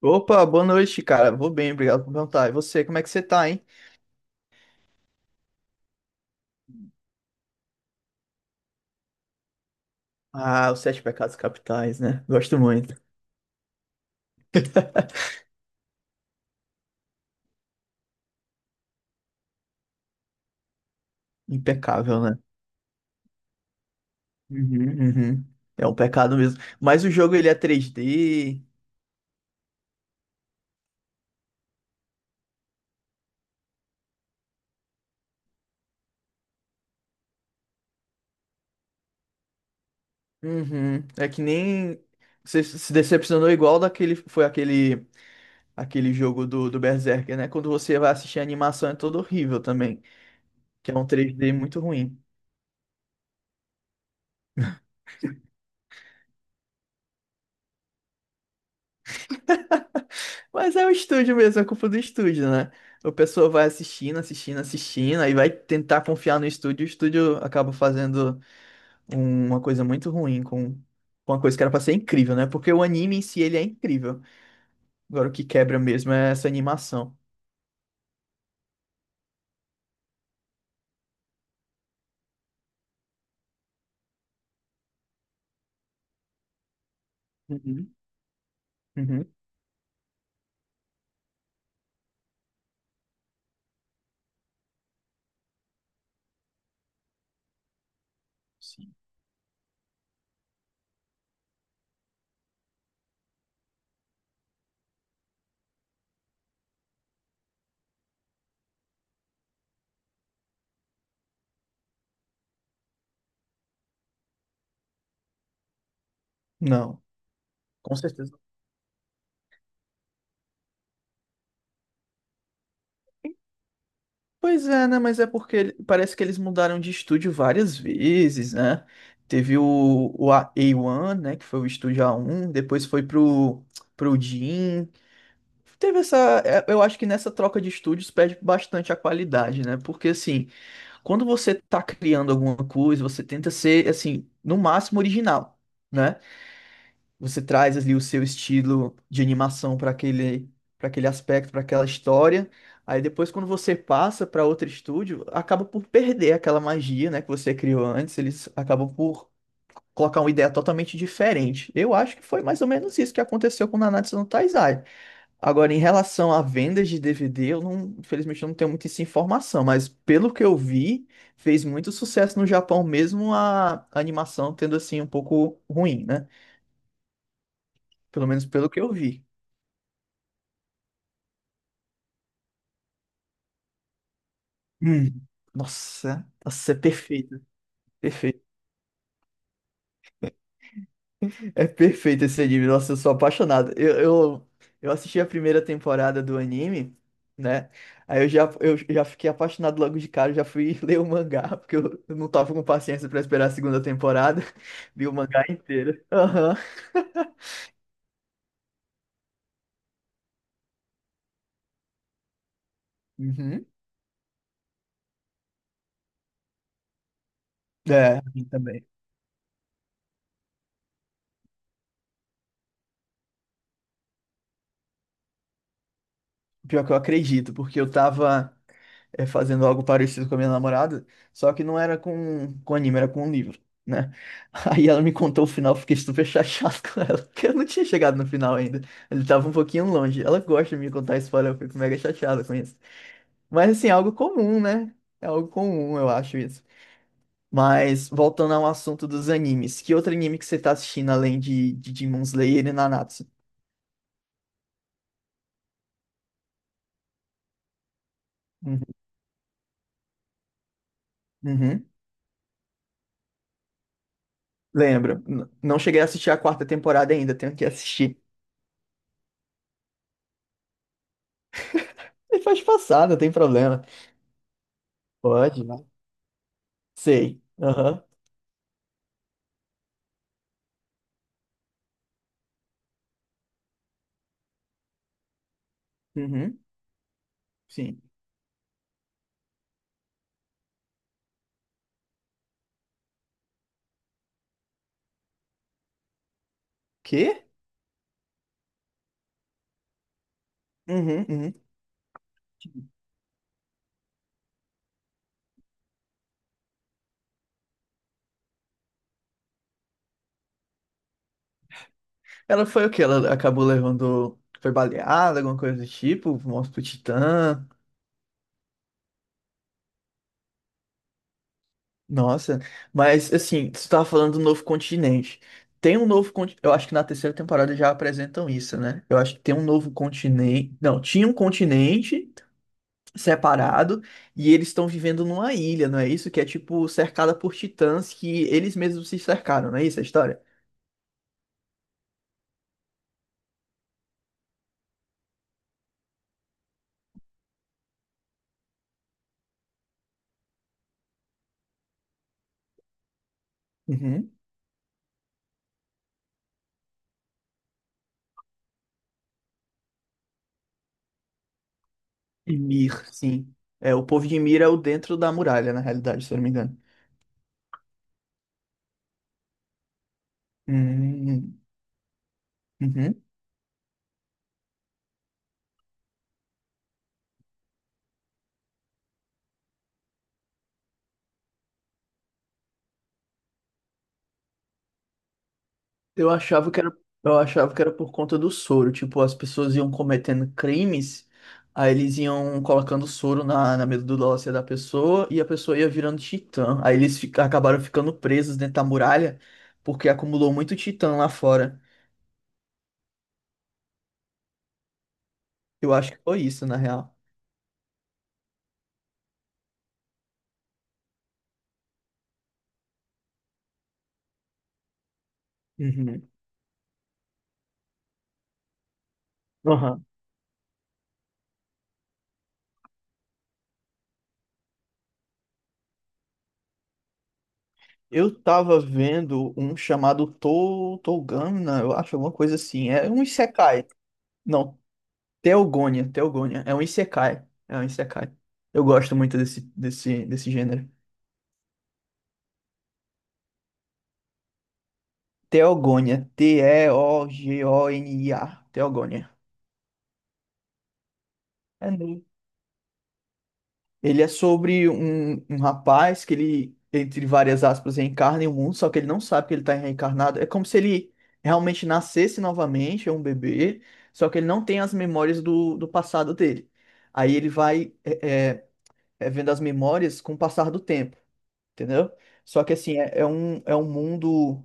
Opa, boa noite, cara. Vou bem, obrigado por perguntar. E você, como é que você tá, hein? Ah, os Sete Pecados Capitais, né? Gosto muito. Impecável, né? Uhum, uhum. É um pecado mesmo. Mas o jogo, ele é 3D. Uhum. É que nem... Você se decepcionou igual daquele... Foi aquele... Aquele jogo do Berserker, né? Quando você vai assistir a animação é todo horrível também. Que é um 3D muito ruim. Mas é o estúdio mesmo, é culpa do estúdio, né? O pessoal vai assistindo, assistindo, assistindo, aí vai tentar confiar no estúdio, o estúdio acaba fazendo uma coisa muito ruim com uma coisa que era pra ser incrível, né? Porque o anime em si, ele é incrível. Agora, o que quebra mesmo é essa animação. Uhum. Uhum. Sim. Não, com certeza. Pois é, né? Mas é porque parece que eles mudaram de estúdio várias vezes, né? Teve o, A1, né? Que foi o estúdio A1, depois foi pro Jim. Teve essa. Eu acho que nessa troca de estúdios perde bastante a qualidade, né? Porque, assim, quando você tá criando alguma coisa, você tenta ser, assim, no máximo original, né? Você traz ali o seu estilo de animação para aquele aspecto, para aquela história. Aí depois, quando você passa para outro estúdio, acaba por perder aquela magia, né, que você criou antes. Eles acabam por colocar uma ideia totalmente diferente. Eu acho que foi mais ou menos isso que aconteceu com Nanatsu no Taizai. Agora, em relação a vendas de DVD, eu não, infelizmente eu não tenho muita essa informação, mas pelo que eu vi, fez muito sucesso no Japão, mesmo a animação tendo assim um pouco ruim, né? Pelo menos pelo que eu vi. Hum. Nossa, nossa, é perfeito, perfeito. É perfeito esse anime, nossa, eu sou apaixonado. Eu assisti a primeira temporada do anime, né? Aí eu já fiquei apaixonado logo de cara, já fui ler o mangá, porque eu não tava com paciência pra esperar a segunda temporada. Vi o mangá inteiro. Aham. Uhum. É, a mim também. Pior que eu acredito, porque eu tava. Fazendo algo parecido com a minha namorada, só que não era com anime, era com um livro, né? Aí ela me contou o final, eu fiquei super chateado com ela, porque eu não tinha chegado no final ainda. Ele tava um pouquinho longe. Ela gosta de me contar spoiler, eu fico mega chateado com isso. Mas assim, é algo comum, né? É algo comum, eu acho isso. Mas voltando ao assunto dos animes, que outro anime que você tá assistindo além de Demon Slayer e Nanatsu? Uhum. Uhum. Lembro. Não cheguei a assistir a quarta temporada ainda, tenho que assistir. E faz passar, não tem problema. Pode, né? Sei. Aham. Uhum, sim. Quê? Uhum, uhum. Ela foi o quê? Ela acabou levando. Foi baleada, alguma coisa do tipo? Morte pro Titã. Nossa. Mas, assim, você tava falando do novo continente. Tem um novo continente. Eu acho que na terceira temporada já apresentam isso, né? Eu acho que tem um novo continente. Não, tinha um continente separado e eles estão vivendo numa ilha, não é isso? Que é tipo cercada por titãs que eles mesmos se cercaram, não é isso a história? Uhum. Ymir, sim. É, o povo de Ymir é o dentro da muralha, na realidade, se eu não me engano. Hum, uhum. Eu achava que era, eu achava que era por conta do soro. Tipo, as pessoas iam cometendo crimes, aí eles iam colocando soro na medula óssea da pessoa e a pessoa ia virando titã. Aí acabaram ficando presos dentro da muralha porque acumulou muito titã lá fora. Eu acho que foi isso, na real. Uhum. Eu tava vendo um chamado Togana, eu acho, alguma coisa assim. É um isekai. Não, Teogonia, Teogonia. É um isekai. É um isekai. Eu gosto muito desse gênero. Teogonia. T-E-O-G-O-N-I-A. Teogonia. É Ele é sobre um, um rapaz que ele, entre várias aspas, reencarna em um mundo, só que ele não sabe que ele está reencarnado. É como se ele realmente nascesse novamente, é um bebê, só que ele não tem as memórias do passado dele. Aí ele vai vendo as memórias com o passar do tempo, entendeu? Só que assim, é um mundo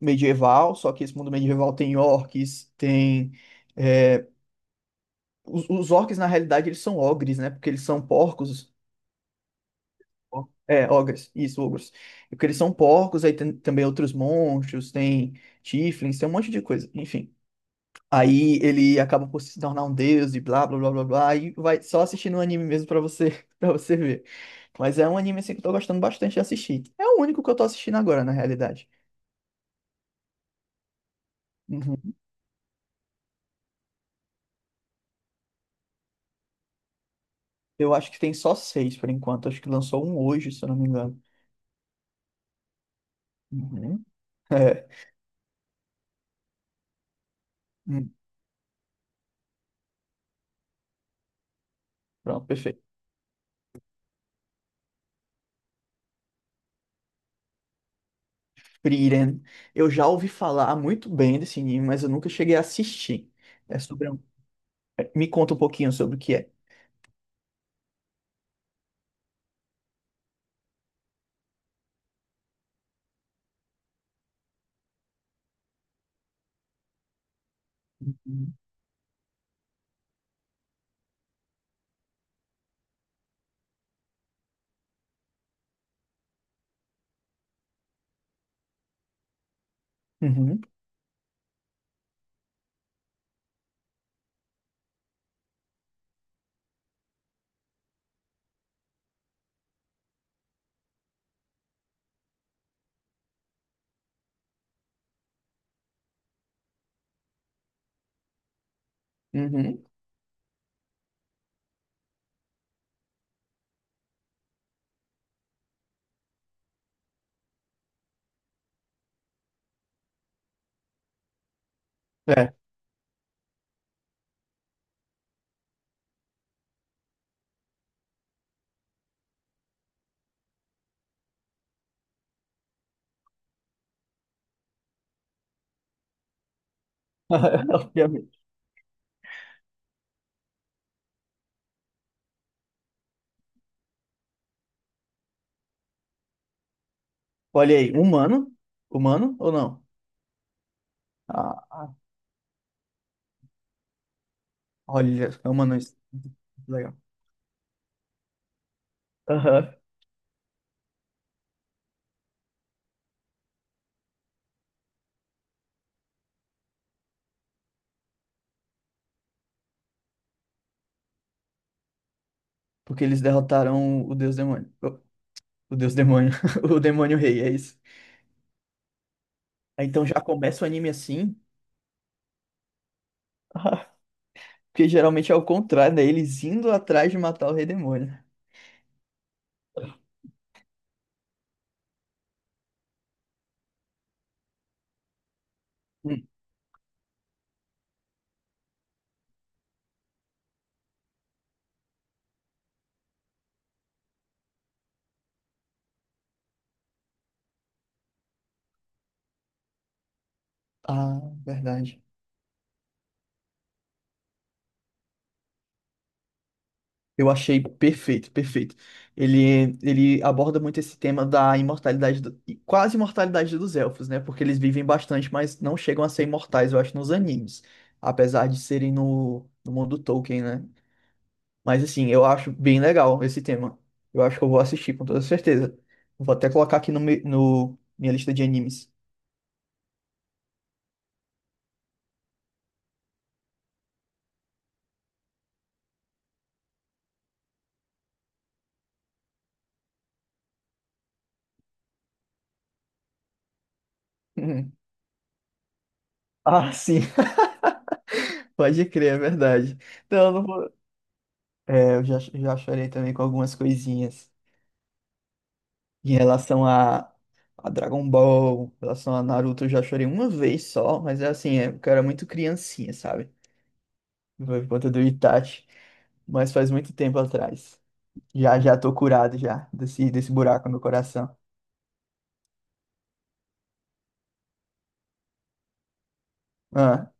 medieval, só que esse mundo medieval tem orques, tem. é, os orques, na realidade, eles são ogres, né? Porque eles são porcos. É, ogres, isso, ogros. E porque eles são porcos, aí tem também outros monstros, tem tieflings, tem um monte de coisa, enfim. Aí ele acaba por se tornar um deus e blá blá blá blá blá, e vai só assistindo o anime mesmo pra você, para você ver. Mas é um anime assim que eu tô gostando bastante de assistir. É o único que eu tô assistindo agora, na realidade. Uhum. Eu acho que tem só seis por enquanto, acho que lançou um hoje, se eu não me engano. Uhum. É. Hum. Pronto, perfeito. Frieren. Eu já ouvi falar muito bem desse anime, mas eu nunca cheguei a assistir. É sobre um... Me conta um pouquinho sobre o que é. Uhum, uhum. É. Obviamente. Olha aí, humano? Humano ou não? Ah, ah, Olha, é humano. Isso. Legal. Aham. Porque eles derrotaram o Deus Demônio. O Deus Demônio. O Demônio Rei, é isso. Aí, então já começa o anime assim. Ah, porque geralmente é o contrário, né? Eles indo atrás de matar o Rei Demônio. Hum. Ah, verdade. Eu achei perfeito, perfeito. Ele aborda muito esse tema da imortalidade, e quase imortalidade dos elfos, né? Porque eles vivem bastante, mas não chegam a ser imortais, eu acho, nos animes. Apesar de serem no mundo Tolkien, né? Mas assim, eu acho bem legal esse tema. Eu acho que eu vou assistir com toda certeza. Vou até colocar aqui no minha lista de animes. Uhum. Ah, sim, pode crer, é verdade. Então, eu não vou... É, já chorei também com algumas coisinhas. Em relação a Dragon Ball, em relação a Naruto, eu já chorei uma vez só, mas é assim, eu era muito criancinha, sabe? Por conta do Itachi, mas faz muito tempo atrás. Já tô curado já desse buraco no coração. Ah,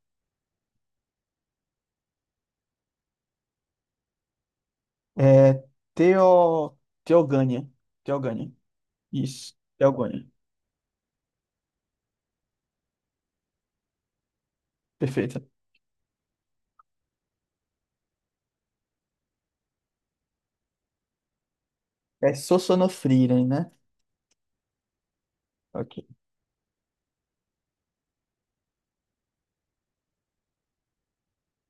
é Teo, Teogânia. Teogânia. Isso, Teogânia. Perfeito. É Sosonofrieren, né? Ok.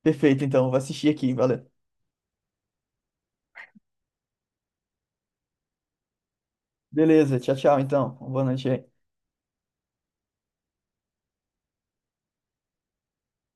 Perfeito, então, vou assistir aqui, valeu. Beleza, tchau, tchau, então. Boa noite aí.